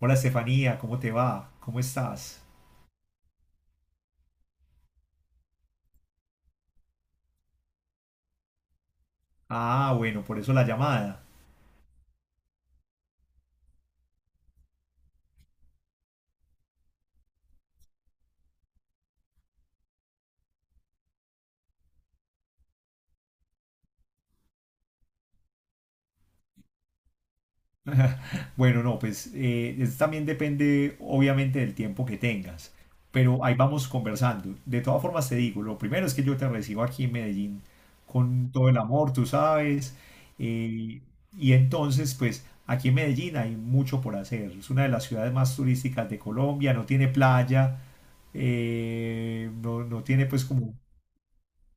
Hola Estefanía, ¿cómo te va? ¿Cómo estás? Ah, bueno, por eso la llamada. Bueno, no, pues es- también depende obviamente del tiempo que tengas, pero ahí vamos conversando. De todas formas te digo, lo primero es que yo te recibo aquí en Medellín con todo el amor, tú sabes, eh, y entonces pues aquí en Medellín hay mucho por hacer. Es una de las ciudades más turísticas de Colombia, no tiene playa, no tiene pues como...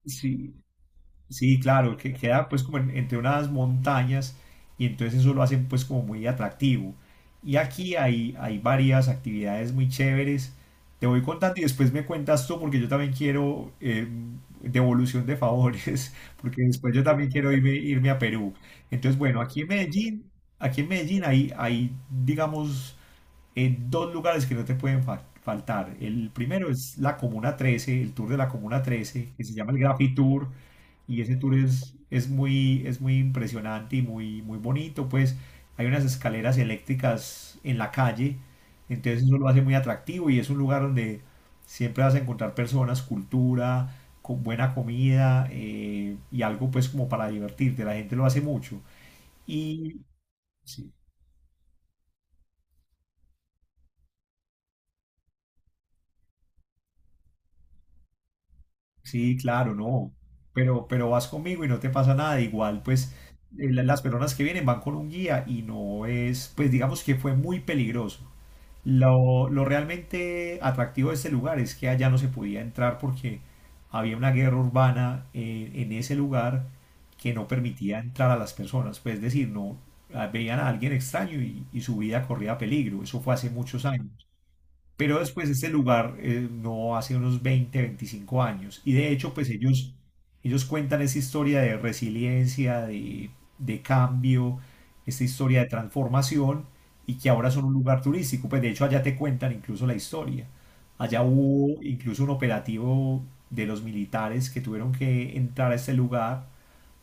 Sí. Sí, claro, que queda pues como en- entre unas montañas y entonces eso lo hacen pues como muy atractivo. Y aquí hay varias actividades muy chéveres. Te voy contando y después me cuentas tú porque yo también quiero devolución de favores, porque después yo también quiero irme, irme a Perú. Entonces, bueno, aquí en Medellín hay, hay digamos, en dos lugares que no te pueden fa- faltar. El primero es la Comuna 13, el tour de la Comuna 13, que se llama el Graffiti Tour, y ese tour es muy impresionante y muy, muy bonito, pues hay unas escaleras eléctricas en la calle, entonces eso lo hace muy atractivo y es un lugar donde siempre vas a encontrar personas, cultura, con buena comida y algo pues como para divertirte, la gente lo hace mucho. Y, sí. Sí, claro, no. Pero vas conmigo y no te pasa nada. Igual, pues la- las personas que vienen van con un guía y no es, pues digamos que fue muy peligroso. Lo realmente atractivo de este lugar es que allá no se podía entrar porque había una guerra urbana en ese lugar que no permitía entrar a las personas. Pues es decir, no veían a alguien extraño y su vida corría peligro. Eso fue hace muchos años. Pero después este lugar no hace unos 20, 25 años. Y de hecho, pues ellos cuentan esa historia de resiliencia, de cambio, esta historia de transformación y que ahora son un lugar turístico. Pues de hecho allá te cuentan incluso la historia. Allá hubo incluso un operativo de los militares que tuvieron que entrar a este lugar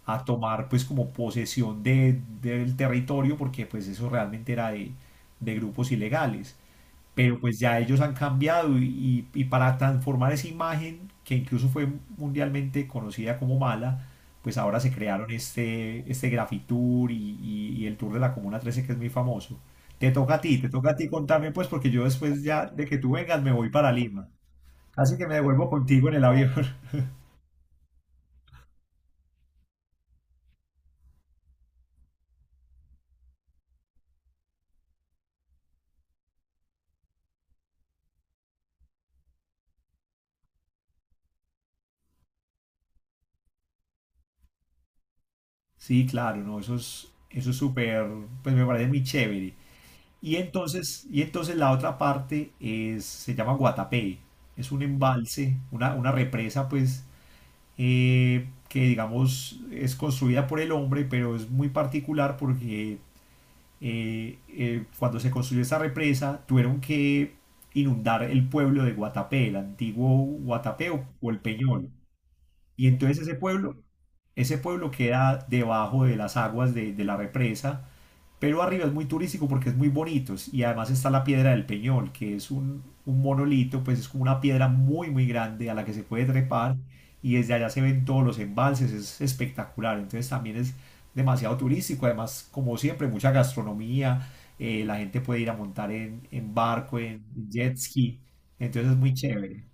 a tomar pues como posesión de, del territorio porque pues eso realmente era de grupos ilegales pero pues ya ellos han cambiado y para transformar esa imagen, que incluso fue mundialmente conocida como mala, pues ahora se crearon este, este Grafitour y el Tour de la Comuna 13 que es muy famoso. Te toca a ti, te toca a ti contarme pues porque yo después ya de que tú vengas me voy para Lima. Así que me devuelvo contigo en el avión. Sí, claro, no, eso es súper, pues me parece muy chévere. Y entonces la otra parte es, se llama Guatapé. Es un embalse, una represa, pues, que digamos es construida por el hombre, pero es muy particular porque cuando se construyó esta represa tuvieron que inundar el pueblo de Guatapé, el antiguo Guatapé o el Peñol. Y entonces ese pueblo queda debajo de las aguas de la represa pero arriba es muy turístico porque es muy bonito y además está la piedra del Peñol, que es un monolito, pues es como una piedra muy muy grande a la que se puede trepar y desde allá se ven todos los embalses, es espectacular, entonces también es demasiado turístico, además como siempre mucha gastronomía, la gente puede ir a montar en barco, en jet ski, entonces es muy chévere.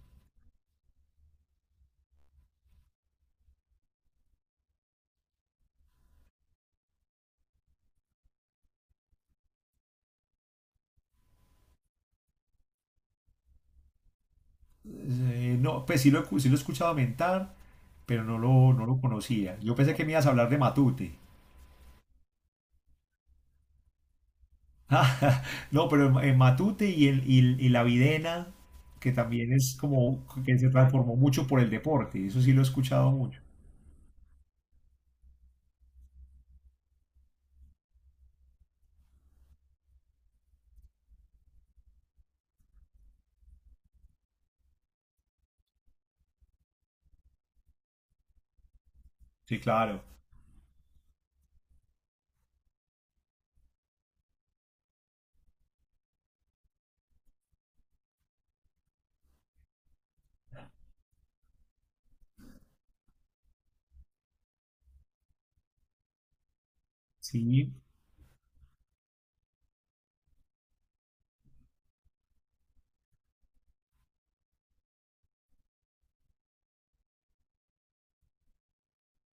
No, pues sí lo, he cu- sí lo he escuchado mentar, pero no lo, no lo conocía. Yo pensé que me ibas a hablar de Matute. Ah, no, pero en Matute y, el, y, el- y la Videna, que también es como que se transformó mucho por el deporte, eso sí lo he escuchado mucho. Sí, claro. Sí.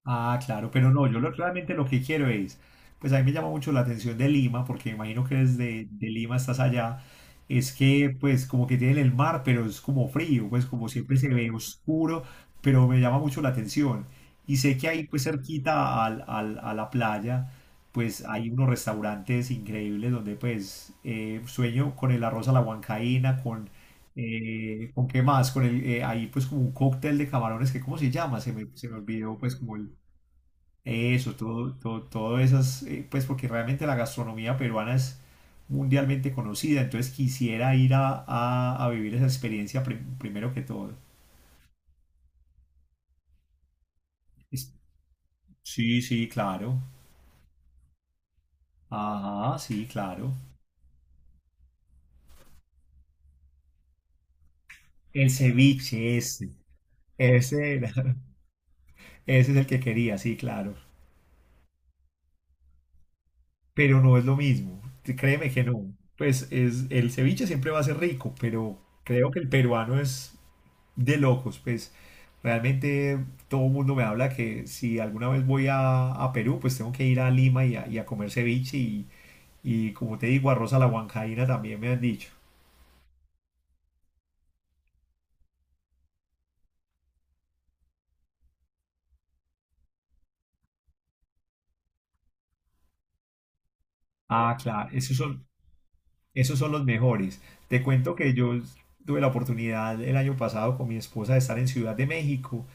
Ah, claro, pero no, yo lo- realmente lo que quiero es, pues a mí me llama mucho la atención de Lima, porque me imagino que desde de Lima estás allá, es que pues como que tienen el mar, pero es como frío, pues como siempre se ve oscuro, pero me llama mucho la atención. Y sé que ahí pues cerquita al- al- a la playa, pues hay unos restaurantes increíbles donde pues sueño con el arroz a la huancaína, ¿con qué más? Con el, ahí pues como un cóctel de camarones que ¿cómo se llama? Se me olvidó pues como el... Eso, todo, todo, todo esas, pues porque realmente la gastronomía peruana es mundialmente conocida, entonces quisiera ir a vivir esa experiencia prim- primero que todo. Es- sí, sí, claro. Ajá, sí, claro. El ceviche ese. Ese era. Ese es el que quería, sí, claro. Pero no es lo mismo. Créeme que no. Pues es, el ceviche siempre va a ser rico, pero creo que el peruano es de locos, pues realmente todo el mundo me habla que si alguna vez voy a Perú, pues tengo que ir a Lima y a comer ceviche y como te digo, arroz a la huancaína también me han dicho. Ah, claro, esos son los mejores. Te cuento que yo tuve la oportunidad el año pasado con mi esposa de estar en Ciudad de México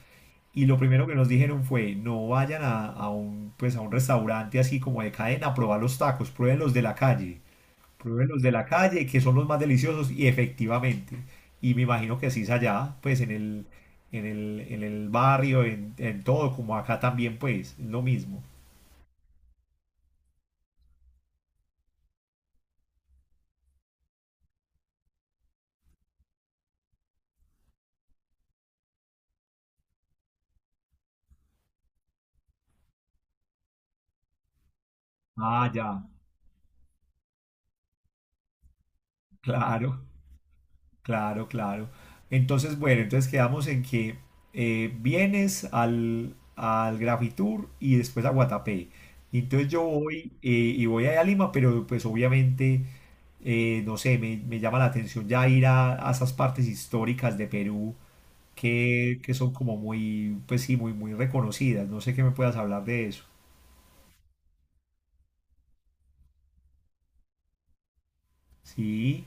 y lo primero que nos dijeron fue no vayan a un, pues a un restaurante así como de cadena a probar los tacos, prueben los de la calle. Prueben los de la calle, que son los más deliciosos, y efectivamente. Y me imagino que así es allá, pues en el, en el, en el barrio, en todo, como acá también, pues, es lo mismo. Ah, ya, claro, claro, claro. Entonces, bueno, entonces quedamos en que vienes al, al Grafitour y después a Guatapé. Y entonces yo voy y voy allá a Lima, pero pues obviamente, no sé, me llama la atención ya ir a esas partes históricas de Perú que son como muy, pues sí, muy, muy reconocidas. No sé qué me puedas hablar de eso. Sí,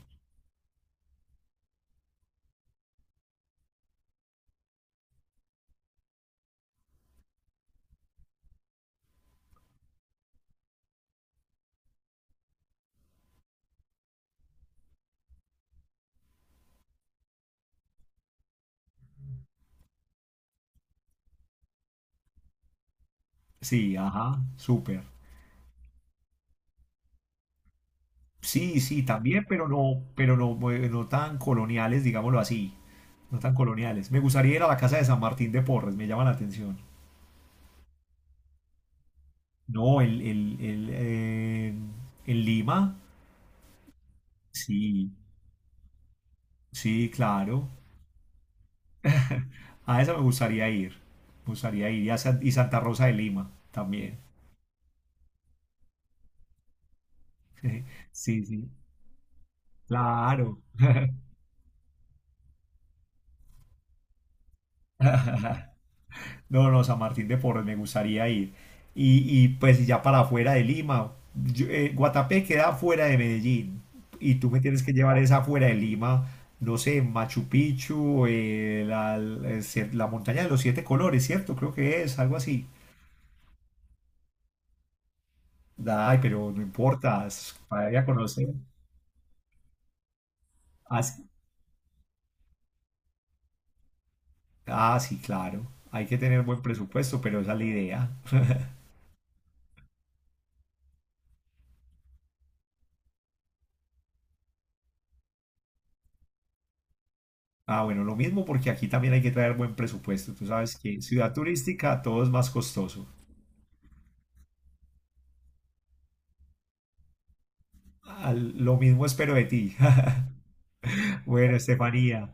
sí, ajá, súper. Sí, sí, también, pero no, no tan coloniales, digámoslo así. No tan coloniales. Me gustaría ir a la casa de San Martín de Porres, me llama la atención. No, el, en Lima, sí, sí, claro. A esa me gustaría ir. Me gustaría ir. Y, a San- y Santa Rosa de Lima también. Sí, sí. Claro. No, no, San Martín de Porres, me gustaría ir. Y, pues ya para afuera de Lima, yo- Guatapé queda fuera de Medellín y tú me tienes que llevar esa fuera de Lima, no sé, Machu Picchu, la, la la montaña de los 7 colores, ¿cierto? Creo que es algo así. Ay, pero no importa, es para ir a conocer. Ah, sí, ah, sí, claro, hay que tener buen presupuesto, pero esa es la idea. Ah, bueno, lo mismo porque aquí también hay que traer buen presupuesto. Tú sabes que ciudad turística todo es más costoso. Al- lo mismo espero de ti. Bueno, Estefanía,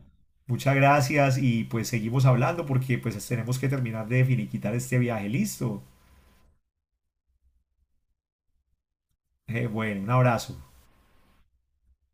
muchas gracias y pues seguimos hablando porque pues tenemos que terminar de finiquitar este viaje. Listo. Bueno, un abrazo.